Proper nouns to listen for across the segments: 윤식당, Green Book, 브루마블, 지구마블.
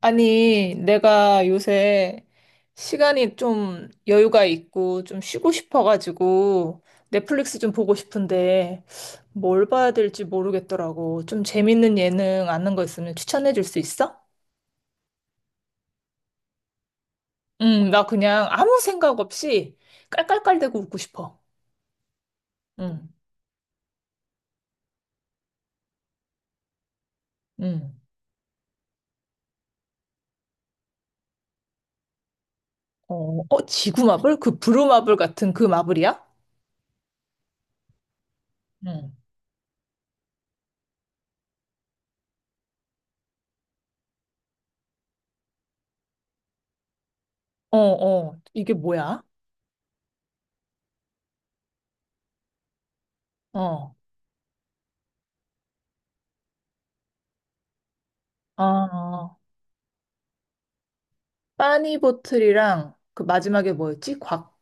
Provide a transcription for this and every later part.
아니, 내가 요새 시간이 좀 여유가 있고 좀 쉬고 싶어가지고 넷플릭스 좀 보고 싶은데 뭘 봐야 될지 모르겠더라고. 좀 재밌는 예능 아는 거 있으면 추천해 줄 수 있어? 응, 나 그냥 아무 생각 없이 깔깔깔대고 웃고 싶어. 응, 응. 어, 어, 지구마블? 그 브루마블 같은 그 마블이야? 응. 어, 어, 이게 뭐야? 어, 아, 빠니보틀이랑 그 마지막에 뭐였지? 곽.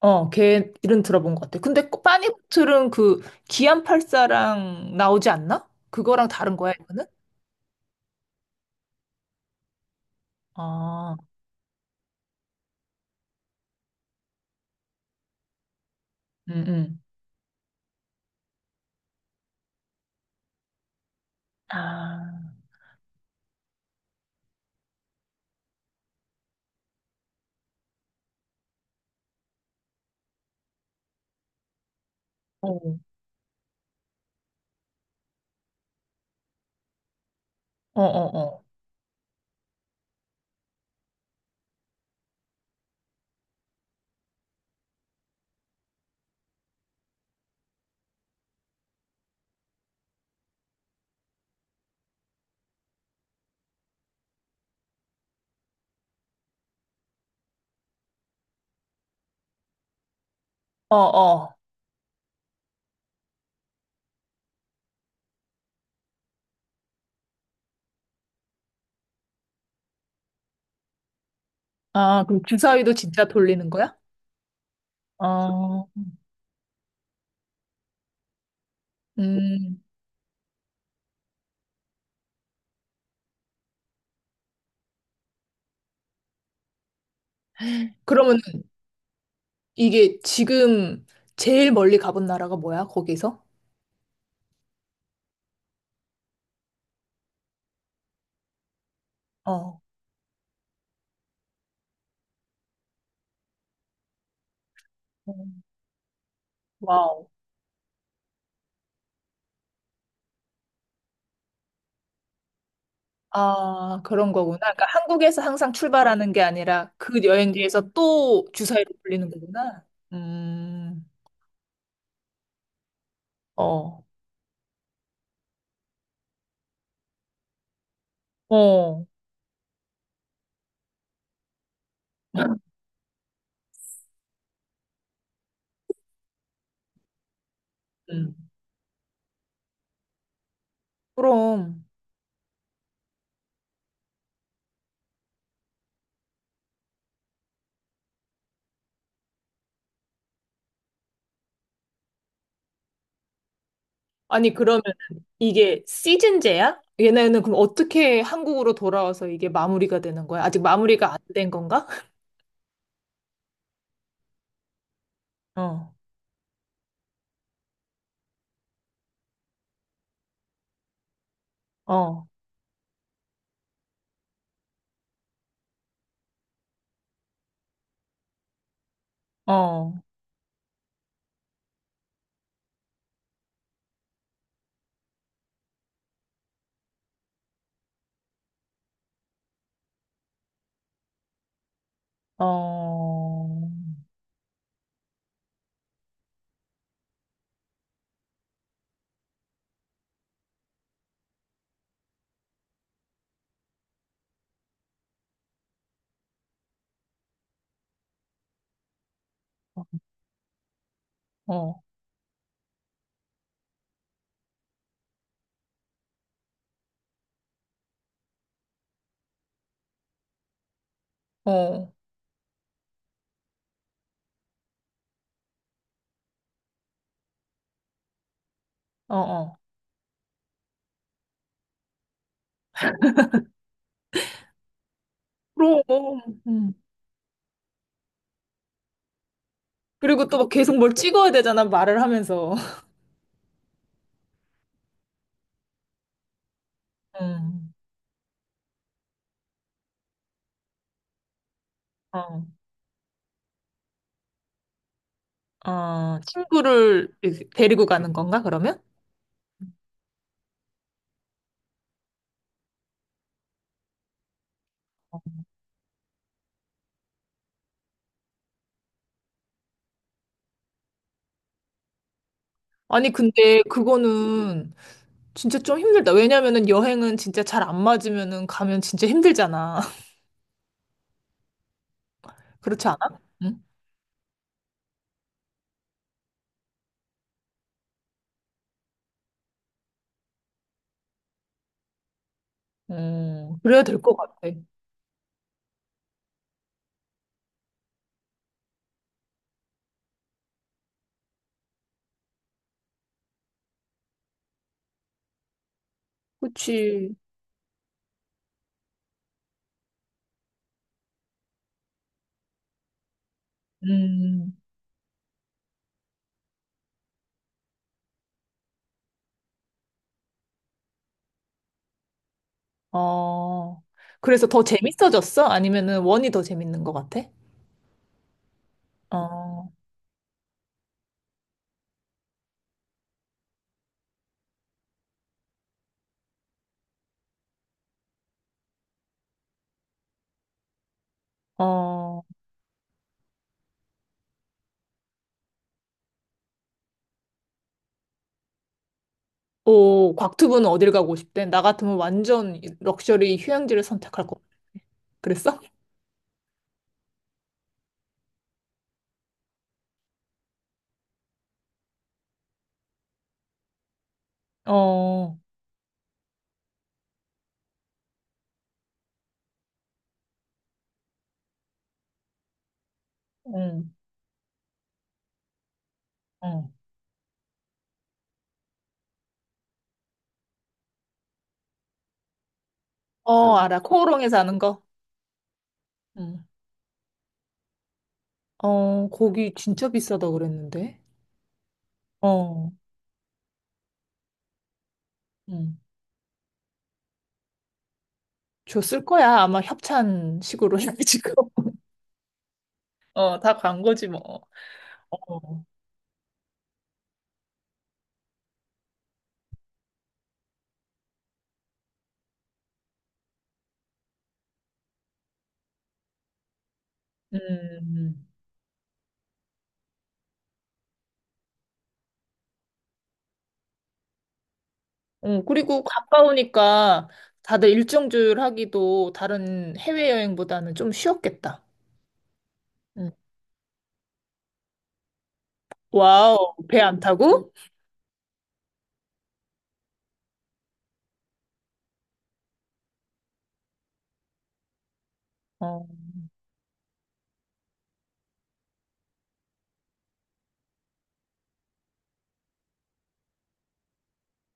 어, 걔 이름 들어본 것 같아. 근데 꼭 빠니보틀은 그 기안84랑 나오지 않나? 그거랑 다른 거야, 이거는? 아, 응, 응. 아, 어, 어, 어, 어, 어, 어. 아, 그럼 주사위도 진짜 돌리는 거야? 어, 음. 그러면 이게 지금 제일 멀리 가본 나라가 뭐야, 거기서? 어. 어. 와우. 아, 그런 거구나. 그러니까 한국에서 항상 출발하는 게 아니라 그 여행지에서 또 주사위로 돌리는 거구나. 음, 어, 어, 음. 그럼. 아니, 그러면 이게 시즌제야? 얘네는 그럼 어떻게 한국으로 돌아와서 이게 마무리가 되는 거야? 아직 마무리가 안 된 건가? 어, 어, 어, 어, 어, 어, 어, 어. 그럼, 음. 그리고 또 막 계속 뭘 찍어야 되잖아, 말을 하면서. 음, 어, 어, 친구를 이렇게 데리고 가는 건가, 그러면? 아니, 근데 그거는 진짜 좀 힘들다. 왜냐면은 여행은 진짜 잘 안 맞으면은 가면 진짜 힘들잖아. 그렇지 않아? 응? 그래야 될 것 같아. 그치. 음, 어. 그래서 더 재밌어졌어? 아니면은 원이 더 재밌는 것 같아? 어, 어. 오, 곽투부는 어딜 가고 싶대? 나 같으면 완전 럭셔리 휴양지를 선택할 것 같아. 그랬어? 어, 응, 어. 어, 그, 알아. 코오롱에 사는 거? 응, 어, 거기 진짜 비싸다 그랬는데. 어, 응. 줬을 거야. 아마 협찬식으로 해가지고. 어, 다 광고지 뭐. 어, 음, 어, 그리고 가까우니까 다들 일정주를 하기도 다른 해외여행보다는 좀 쉬웠겠다. 음. 와우, 배 안 타고? 어,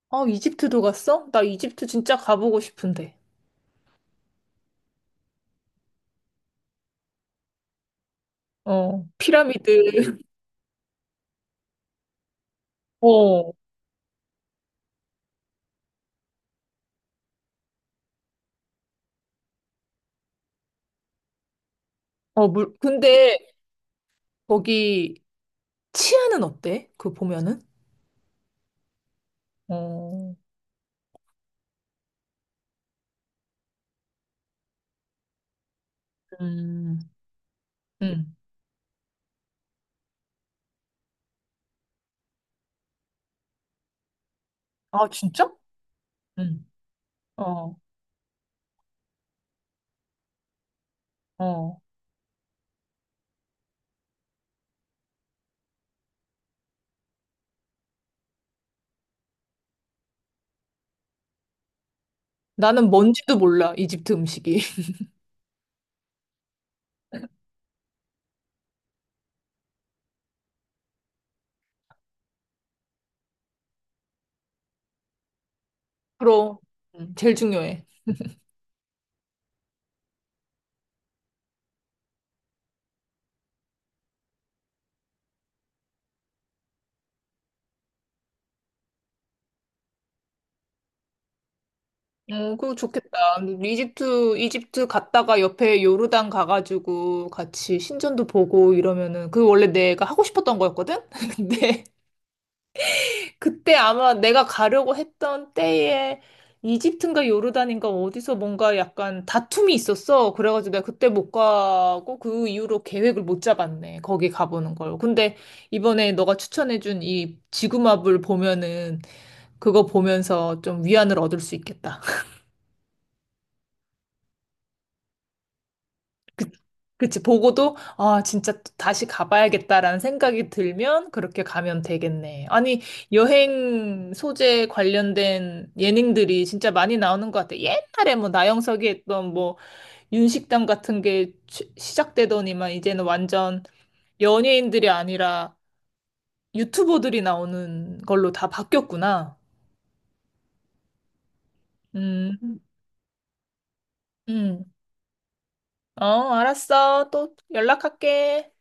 어, 이집트도 갔어? 나 이집트 진짜 가보고 싶은데. 어, 피라미드. 어, 어, 물, 근데 거기 치안은 어때? 그 보면은? 어, 음. 음. 아, 진짜? 응. 어, 어. 나는 뭔지도 몰라, 이집트 음식이. 그럼, 제일 중요해. 어, 그거 좋겠다. 이집트, 이집트 갔다가 옆에 요르단 가가지고 같이 신전도 보고 이러면은, 그 원래 내가 하고 싶었던 거였거든? 근데 그때 아마 내가 가려고 했던 때에 이집트인가 요르단인가 어디서 뭔가 약간 다툼이 있었어. 그래가지고 내가 그때 못 가고 그 이후로 계획을 못 잡았네. 거기 가보는 걸. 근데 이번에 너가 추천해준 이 지구마블 보면은 그거 보면서 좀 위안을 얻을 수 있겠다. 그- 그치, 보고도, 아, 진짜 또 다시 가봐야겠다라는 생각이 들면 그렇게 가면 되겠네. 아니, 여행 소재 관련된 예능들이 진짜 많이 나오는 것 같아. 옛날에 뭐 나영석이 했던 뭐 윤식당 같은 게 시작되더니만 이제는 완전 연예인들이 아니라 유튜버들이 나오는 걸로 다 바뀌었구나. 음, 음. 어, 알았어. 또 연락할게.